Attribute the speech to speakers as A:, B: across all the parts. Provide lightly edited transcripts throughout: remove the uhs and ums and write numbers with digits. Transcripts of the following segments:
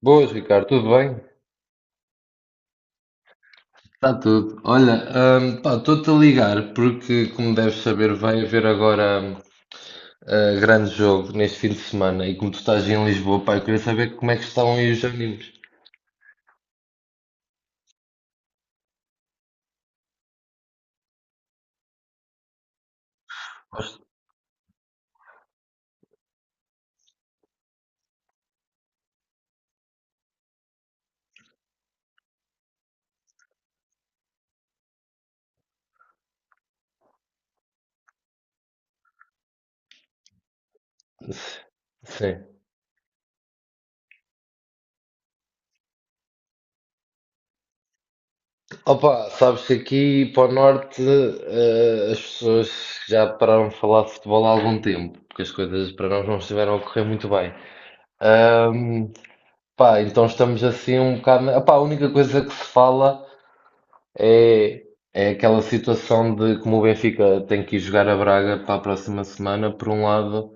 A: Boas, Ricardo, tudo bem? Está tudo. Olha, pá, estou-te a ligar porque, como deves saber, vai haver agora grande jogo neste fim de semana e como tu estás em Lisboa, pá, eu queria saber como é que estão aí os ânimos. Gosto- Sim. Opa, sabes que aqui para o norte as pessoas já pararam de falar de futebol há algum tempo, porque as coisas para nós não estiveram a correr muito bem. Ahm, pá, então estamos assim um bocado. Opá, a única coisa que se fala É, é aquela situação de como o Benfica tem que ir jogar a Braga para a próxima semana. Por um lado,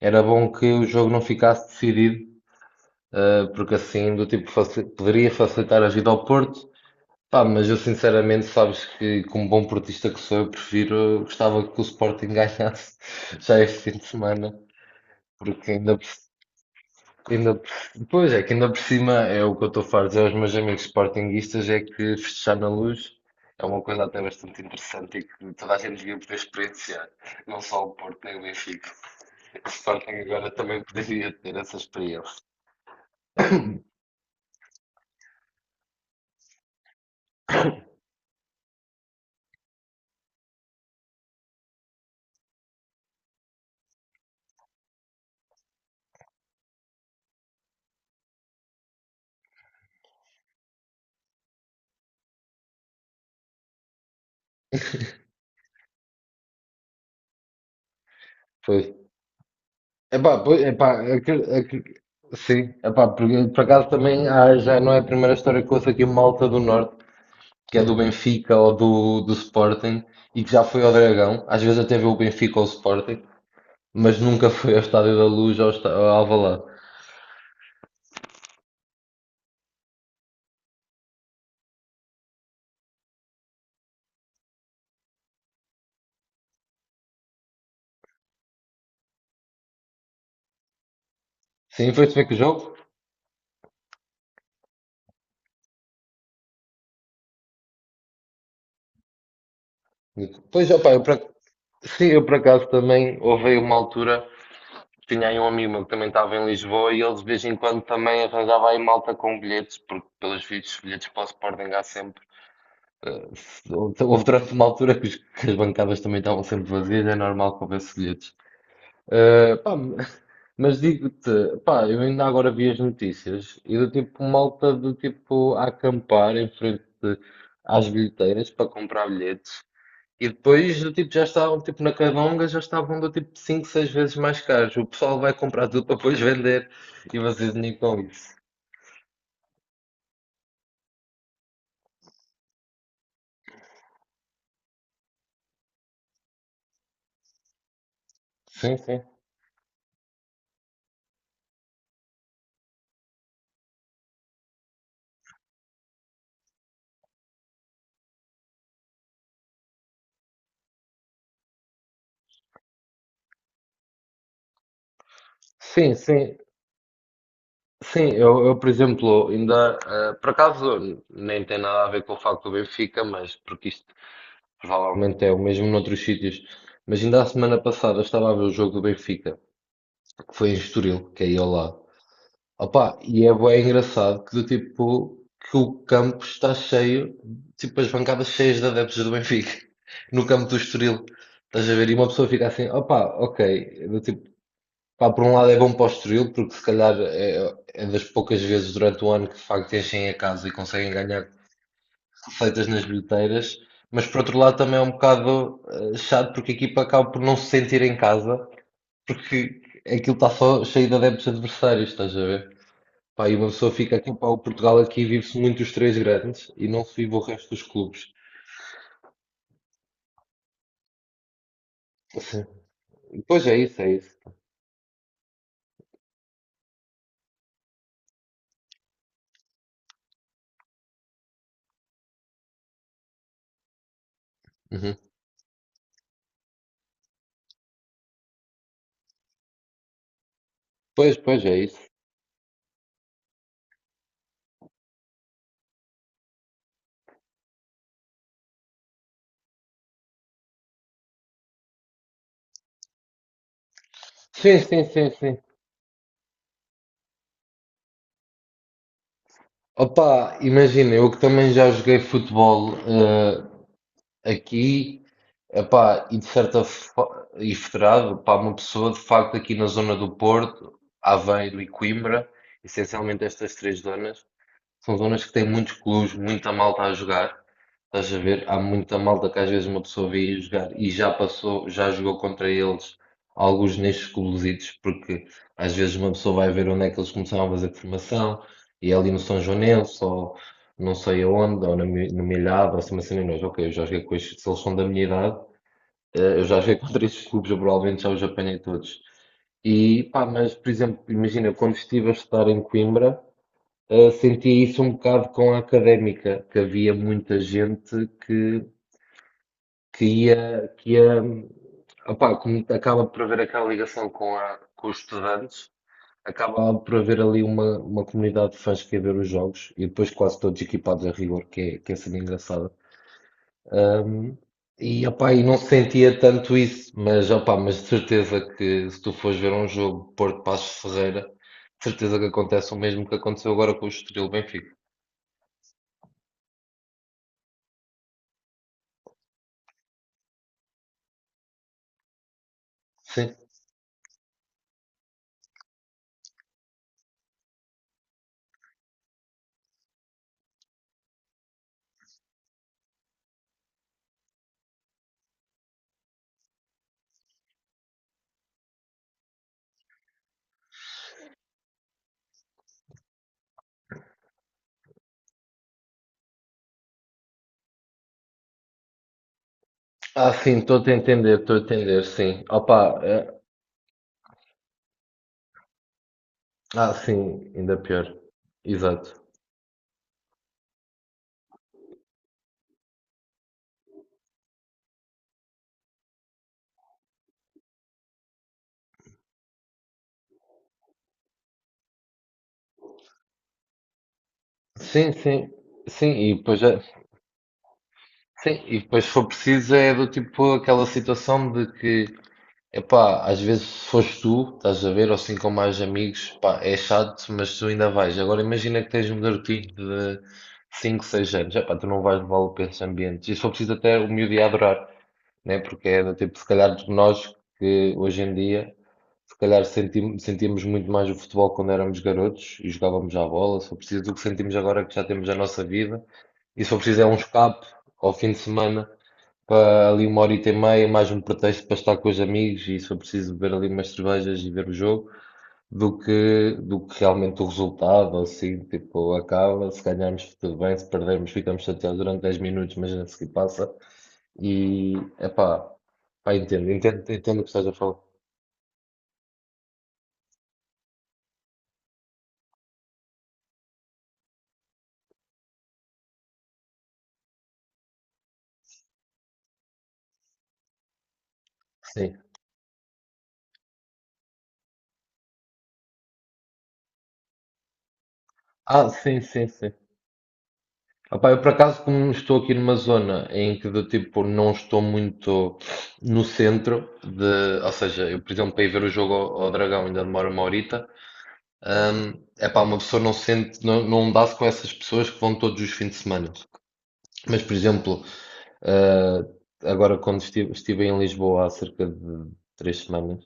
A: era bom que o jogo não ficasse decidido, porque assim do tipo poderia facilitar a vida ao Porto. Pá, mas eu sinceramente, sabes que como bom portista que sou, eu prefiro, gostava que o Sporting ganhasse já este fim de semana, porque ainda, pois é, que ainda por cima é o que eu estou farto de dizer aos meus amigos sportinguistas, é que festejar na Luz é uma coisa até bastante interessante e que toda a gente devia poder experienciar, não só o Porto nem o Benfica. O Sporting agora também poderia ter essa experiência. Pois. Epá, pois, epá, acre- acre- sim, epá, por acaso também já não é a primeira história que ouço aqui, uma malta do Norte que é do Benfica ou do Sporting, e que já foi ao Dragão, às vezes até vê o Benfica ou o Sporting, mas nunca foi ao Estádio da Luz ou ao Alvalade. Sim, foi-se ver que o jogo? Pois, opá, sim, eu por acaso também houve aí uma altura, tinha aí um amigo meu que também estava em Lisboa e ele de vez em quando também arranjava aí malta com bilhetes, porque pelos vistos, bilhetes para o Sporting há sempre. Eh, Houve durante uma altura que que as bancadas também estavam sempre vazias, é normal que houvesse bilhetes. Eh, pá, Mas digo-te, pá, eu ainda agora vi as notícias e do tipo malta do tipo a acampar em frente às bilheteiras para comprar bilhetes e depois do tipo já estavam tipo na Candonga, já estavam do tipo 5 6 vezes mais caros. O pessoal vai comprar tudo para depois vender e vocês nem com isso. Sim, sim. Sim, sim, sim. Eu, por exemplo, ainda, por acaso, nem tem nada a ver com o facto do Benfica, mas porque isto provavelmente é o mesmo noutros sítios. Mas ainda a semana passada estava a ver o jogo do Benfica, que foi em Estoril, que é aí ao lado. Opa, e é bué engraçado que do tipo que o campo está cheio, tipo as bancadas cheias de adeptos do Benfica, no campo do Estoril. Estás a ver? E uma pessoa fica assim, opa, ok, do tipo, pá, por um lado é bom para o Estoril, porque se calhar é das poucas vezes durante o ano que de facto enchem a casa e conseguem ganhar feitas nas bilheteiras, mas por outro lado também é um bocado chato, porque a equipa acaba por não se sentir em casa, porque aquilo está só cheio de adeptos adversários, estás a ver? Pá, e uma pessoa fica aqui, pá, o Portugal aqui vive-se muito os três grandes e não se vive o resto dos clubes. Sim. Pois é isso, é isso. Uhum. Pois, pois é isso. Sim, sim, sim, sim. Opa, imagina, eu que também já joguei futebol, aqui, epá, e de certa forma, e federado, pá, uma pessoa de facto aqui na zona do Porto, Aveiro e Coimbra, essencialmente estas três zonas, são zonas que têm muitos clubes, muita malta a jogar. Estás a ver? Há muita malta que às vezes uma pessoa vê ir jogar e já passou, já jogou contra eles, alguns nestes clubesitos, porque às vezes uma pessoa vai ver onde é que eles começaram a fazer formação, e é ali no São Joanense, ou não sei aonde, ou no Milhado, ou se uma cena, e nós, ok, eu já joguei com estes, se eles são da minha idade, eu já joguei contra estes clubes, eu provavelmente já os apanhei todos. E pá, mas por exemplo, imagina, quando estive a estudar em Coimbra, senti isso um bocado com a Académica, que havia muita gente que, que ia, opá, como acaba por haver aquela ligação com os estudantes, acaba por haver ali uma comunidade de fãs que ia ver os jogos e depois quase todos equipados a rigor, que é sendo engraçada. Um, e, opá, e não sentia tanto isso, mas, opá, mas de certeza que se tu fores ver um jogo Porto Paços de Ferreira, de certeza que acontece o mesmo que aconteceu agora com o Estoril Benfica. Sim. Ah, sim, estou-te a entender, estou a entender, sim. Opa, ah, sim, ainda pior. Exato. Sim, sim, sim, e depois, sim, e depois se for preciso é do tipo aquela situação de que, epá, às vezes se fores tu, estás a ver, ou assim com mais amigos, pá, é chato, mas tu ainda vais. Agora imagina que tens um garotinho de 5, 6 anos, epá, tu não vais levá-lo para esses ambientes. E se for preciso até o miúdo ia adorar, né? Porque é do tipo, se calhar nós que hoje em dia, se calhar sentíamos muito mais o futebol quando éramos garotos e jogávamos à bola. Se for preciso, do que sentimos agora que já temos a nossa vida. E se for preciso, é um escape ao fim de semana para ali uma horita e meia, mais um pretexto para estar com os amigos. E se for preciso, beber ali umas cervejas e ver o jogo, do que realmente o resultado. Assim, tipo, acaba. Se ganharmos, tudo bem. Se perdermos, ficamos chateados durante 10 minutos, mas a seguir passa. E, epá, pá, entendo, entendo, entendo o que estás a falar. Sim. Ah, sim, sim, sim. Opá, eu por acaso, como estou aqui numa zona em que do tipo não estou muito no centro de, ou seja, eu por exemplo para ir ver o jogo ao, ao Dragão ainda demora uma horita, é pá, uma pessoa não se sente, não dá-se com essas pessoas que vão todos os fins de semana. Mas por exemplo, ah, agora quando estive em Lisboa há cerca de 3 semanas,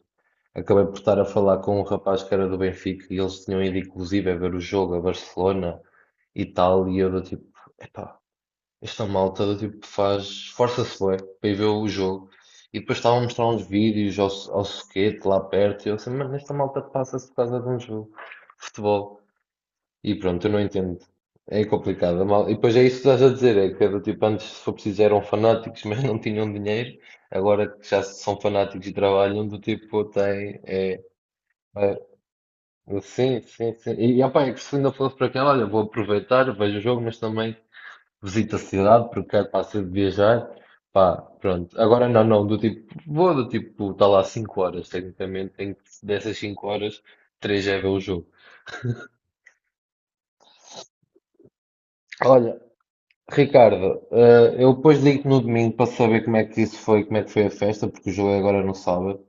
A: acabei por estar a falar com um rapaz que era do Benfica e eles tinham ido inclusive a ver o jogo a Barcelona e tal, e eu do tipo, epá, esta malta do tipo faz, força-se bué para ir ver o jogo. E depois estava a mostrar uns vídeos ao Suquete lá perto. E eu assim, mas esta malta passa-se por causa de um jogo de futebol. E pronto, eu não entendo. É complicado. E depois é isso que estás a dizer, é que é do tipo, antes se for preciso eram fanáticos, mas não tinham dinheiro. Agora que já são fanáticos e trabalham, do tipo, tem, é, é, sim, sim, sim. E, opa, é que se ainda fosse para aquela, olha, vou aproveitar, vejo o jogo, mas também visito a cidade porque quero, pá, sempre viajar. Pá, pronto. Agora não, do tipo, vou do tipo, está lá 5 horas, tecnicamente, tenho que, dessas 5 horas, 3 é ver o jogo. Olha, Ricardo, eu depois ligo-te no domingo para saber como é que isso foi, como é que foi a festa, porque o jogo é agora no sábado.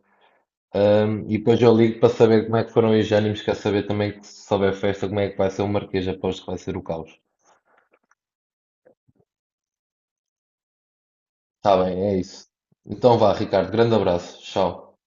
A: E depois eu ligo para saber como é que foram os ânimos, quer saber também que, se souber a festa, como é que vai ser o Marquês, aposto que vai ser o caos. Está bem, é isso. Então vá, Ricardo, grande abraço. Tchau.